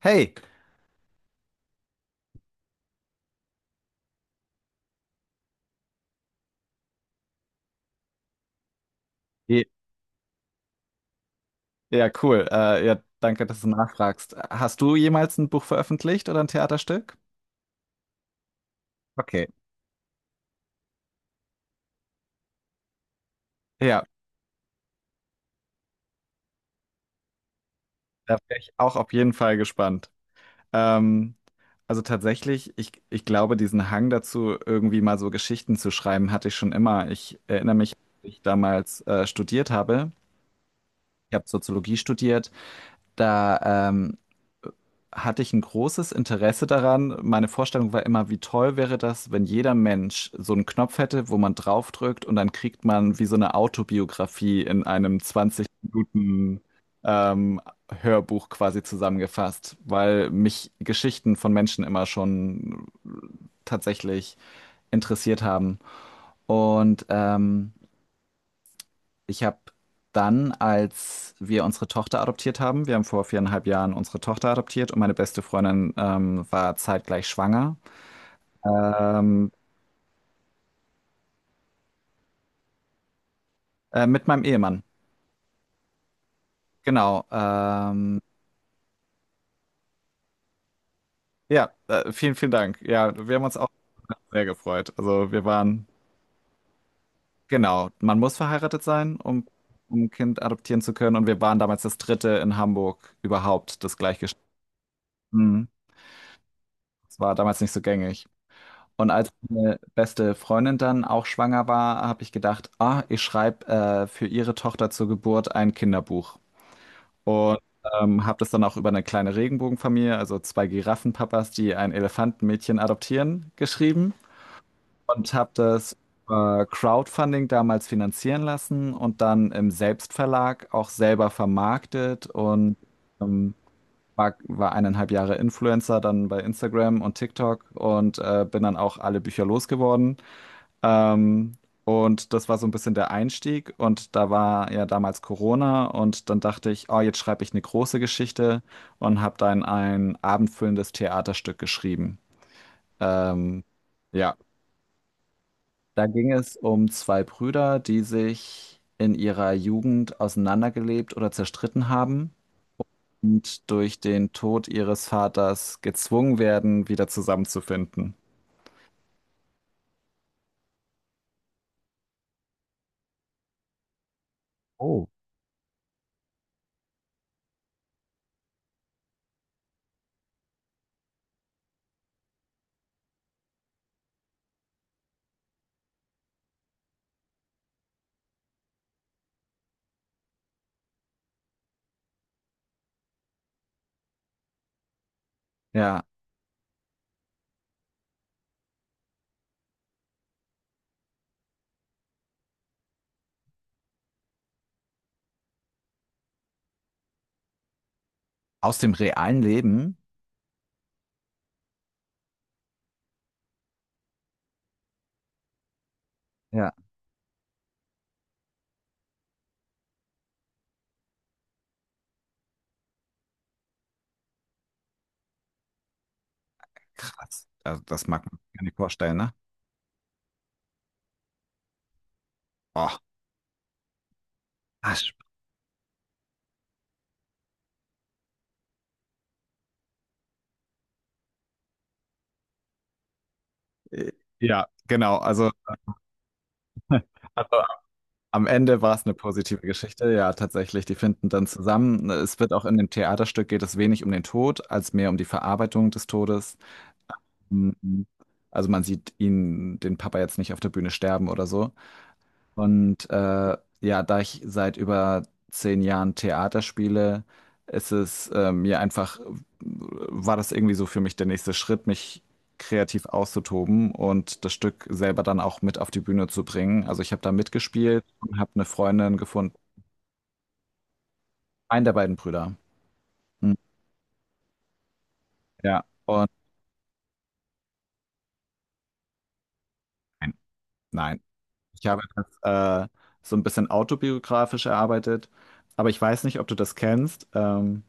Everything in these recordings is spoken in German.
Hey, Je- ja, cool. Ja, danke, dass du nachfragst. Hast du jemals ein Buch veröffentlicht oder ein Theaterstück? Okay, ja, da wäre ich auch auf jeden Fall gespannt. Ähm, also tatsächlich, ich glaube, diesen Hang dazu, irgendwie mal so Geschichten zu schreiben, hatte ich schon immer. Ich erinnere mich, als ich damals studiert habe. Ich habe Soziologie studiert. Da ähm, hatte ich ein großes Interesse daran. Meine Vorstellung war immer, wie toll wäre das, wenn jeder Mensch so einen Knopf hätte, wo man draufdrückt und dann kriegt man wie so eine Autobiografie in einem zwanzig Minuten ähm, Hörbuch quasi zusammengefasst, weil mich Geschichten von Menschen immer schon tatsächlich interessiert haben. Und ich habe dann, als wir unsere Tochter adoptiert haben, wir haben vor viereinhalb Jahren unsere Tochter adoptiert und meine beste Freundin war zeitgleich schwanger. ähm, mit meinem Ehemann. Genau. Ja, vielen, vielen Dank. Ja, wir haben uns auch sehr gefreut. Also wir waren, genau, man muss verheiratet sein, um ein Kind adoptieren zu können. Und wir waren damals das dritte in Hamburg überhaupt, das gleichgeschlechtliche. Mhm. Das war damals nicht so gängig. Und als meine beste Freundin dann auch schwanger war, habe ich gedacht, ah, ich schreibe für ihre Tochter zur Geburt ein Kinderbuch. Und habe das dann auch über eine kleine Regenbogenfamilie, also zwei Giraffenpapas, die ein Elefantenmädchen adoptieren, geschrieben. Und habe das über Crowdfunding damals finanzieren lassen und dann im Selbstverlag auch selber vermarktet und ähm, war eineinhalb Jahre Influencer dann bei Instagram und TikTok und bin dann auch alle Bücher losgeworden. Ähm, und das war so ein bisschen der Einstieg. Und da war ja damals Corona. Und dann dachte ich, oh, jetzt schreibe ich eine große Geschichte und habe dann ein abendfüllendes Theaterstück geschrieben. Ähm, ja, da ging es um zwei Brüder, die sich in ihrer Jugend auseinandergelebt oder zerstritten haben und durch den Tod ihres Vaters gezwungen werden, wieder zusammenzufinden. Oh. Ja, aus dem realen Leben. Ja. Krass. Also das mag man sich gar nicht vorstellen, ne? Oh, Asch. Äh, Ja, genau. Also, also am Ende war es eine positive Geschichte. Ja, tatsächlich. Die finden dann zusammen. Es wird auch in dem Theaterstück geht es wenig um den Tod, als mehr um die Verarbeitung des Todes. Mhm. Also man sieht ihn, den Papa jetzt nicht auf der Bühne sterben oder so. Und ja, da ich seit über zehn Jahren Theater spiele, ist es mir einfach, war das irgendwie so für mich der nächste Schritt, mich kreativ auszutoben und das Stück selber dann auch mit auf die Bühne zu bringen. Also ich habe da mitgespielt und habe eine Freundin gefunden, einen der beiden Brüder. Hm, ja, und nein, nein. Ich habe das so ein bisschen autobiografisch erarbeitet, aber ich weiß nicht, ob du das kennst.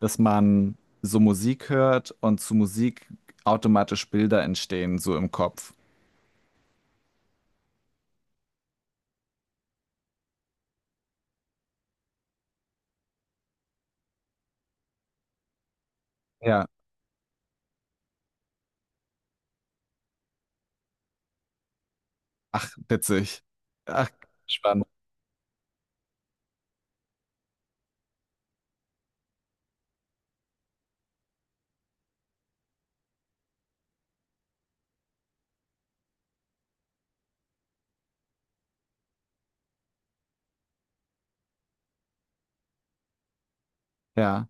Dass man so Musik hört und zu Musik automatisch Bilder entstehen, so im Kopf. Ja. Ach, witzig. Ach, spannend. Ja.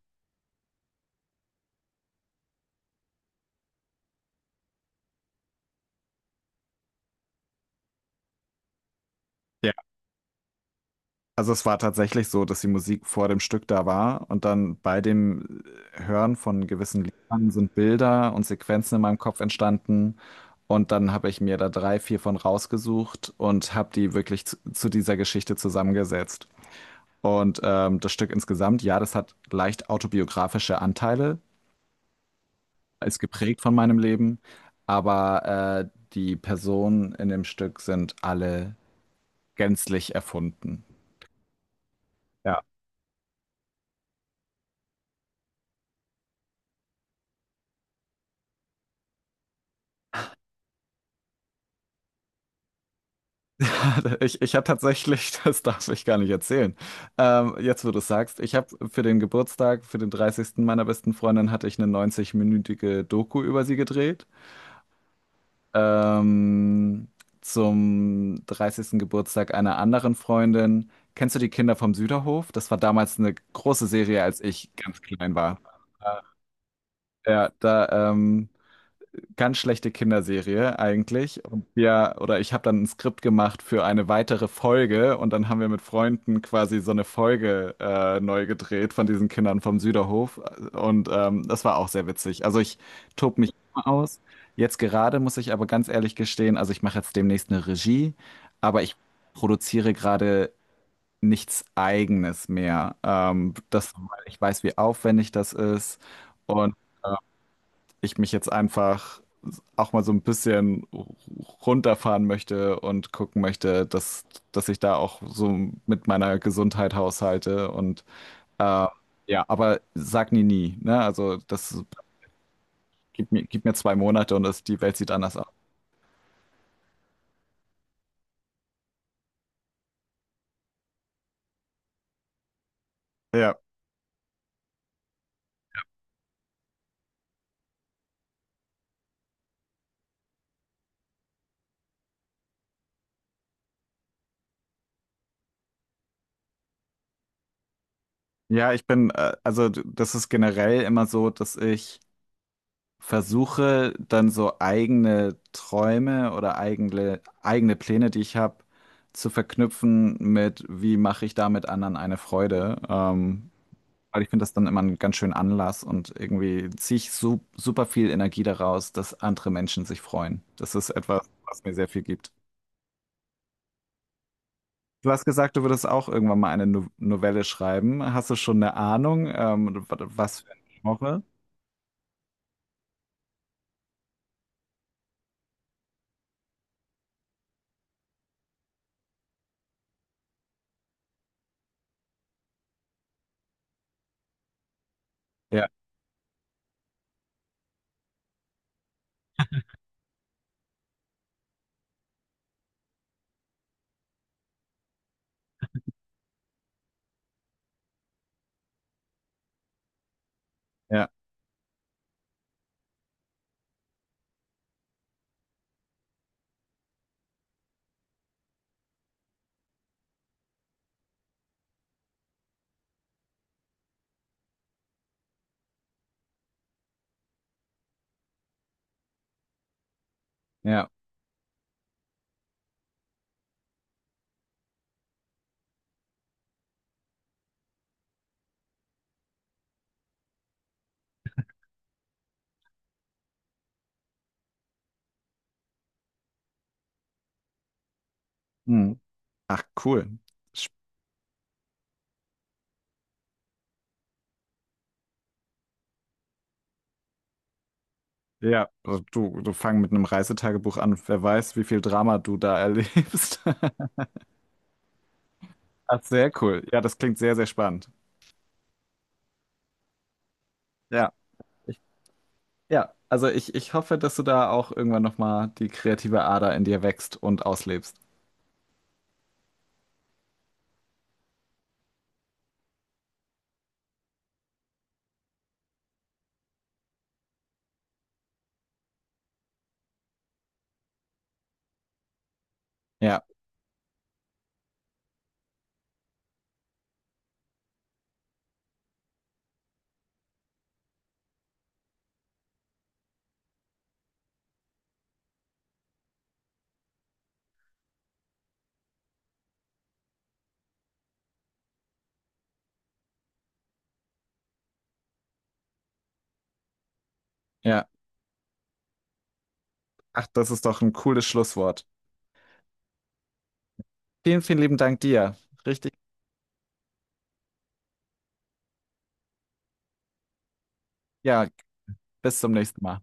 Ja. Also es war tatsächlich so, dass die Musik vor dem Stück da war und dann bei dem Hören von gewissen Liedern sind Bilder und Sequenzen in meinem Kopf entstanden. Und dann habe ich mir da drei, vier von rausgesucht und habe die wirklich zu dieser Geschichte zusammengesetzt. Und das Stück insgesamt, ja, das hat leicht autobiografische Anteile, ist geprägt von meinem Leben, aber die Personen in dem Stück sind alle gänzlich erfunden. Ich habe tatsächlich, das darf ich gar nicht erzählen. Jetzt, wo du es sagst, ich habe für den Geburtstag, für den dreißigsten meiner besten Freundin, hatte ich eine 90-minütige Doku über sie gedreht. Ähm, Zum dreißigsten Geburtstag einer anderen Freundin. Kennst du die Kinder vom Süderhof? Das war damals eine große Serie, als ich ganz klein war. Ja, da, ganz schlechte Kinderserie eigentlich. Und wir, oder ich habe dann ein Skript gemacht für eine weitere Folge und dann haben wir mit Freunden quasi so eine Folge neu gedreht von diesen Kindern vom Süderhof. Und das war auch sehr witzig. Also ich tob mich immer aus. Jetzt gerade muss ich aber ganz ehrlich gestehen, also ich mache jetzt demnächst eine Regie, aber ich produziere gerade nichts Eigenes mehr. Das, weil ich weiß, wie aufwendig das ist und äh, ich mich jetzt einfach auch mal so ein bisschen runterfahren möchte und gucken möchte, dass ich da auch so mit meiner Gesundheit haushalte. Und äh, ja, aber sag nie nie, ne? Also das gib mir zwei Monate und das, die Welt sieht anders aus. Ja. Ja, ich bin, also das ist generell immer so, dass ich versuche, dann so eigene Träume oder eigene, eigene Pläne, die ich habe, zu verknüpfen mit, wie mache ich damit anderen eine Freude. Weil ich finde das dann immer einen ganz schönen Anlass und irgendwie ziehe ich su super viel Energie daraus, dass andere Menschen sich freuen. Das ist etwas, was mir sehr viel gibt. Du hast gesagt, du würdest auch irgendwann mal eine no Novelle schreiben. Hast du schon eine Ahnung, was für ein Genre? Ja, ja, ja. Hm. Ach, cool. Sp- Ja, also du, fang mit einem Reisetagebuch an. Wer weiß, wie viel Drama du da erlebst. Ach, sehr cool. Ja, das klingt sehr, sehr spannend. Ja. Ja, also ich hoffe, dass du da auch irgendwann nochmal die kreative Ader in dir wächst und auslebst. Ja, ja. Ach, das ist doch ein cooles Schlusswort. Vielen, vielen lieben Dank dir. Richtig. Ja, bis zum nächsten Mal.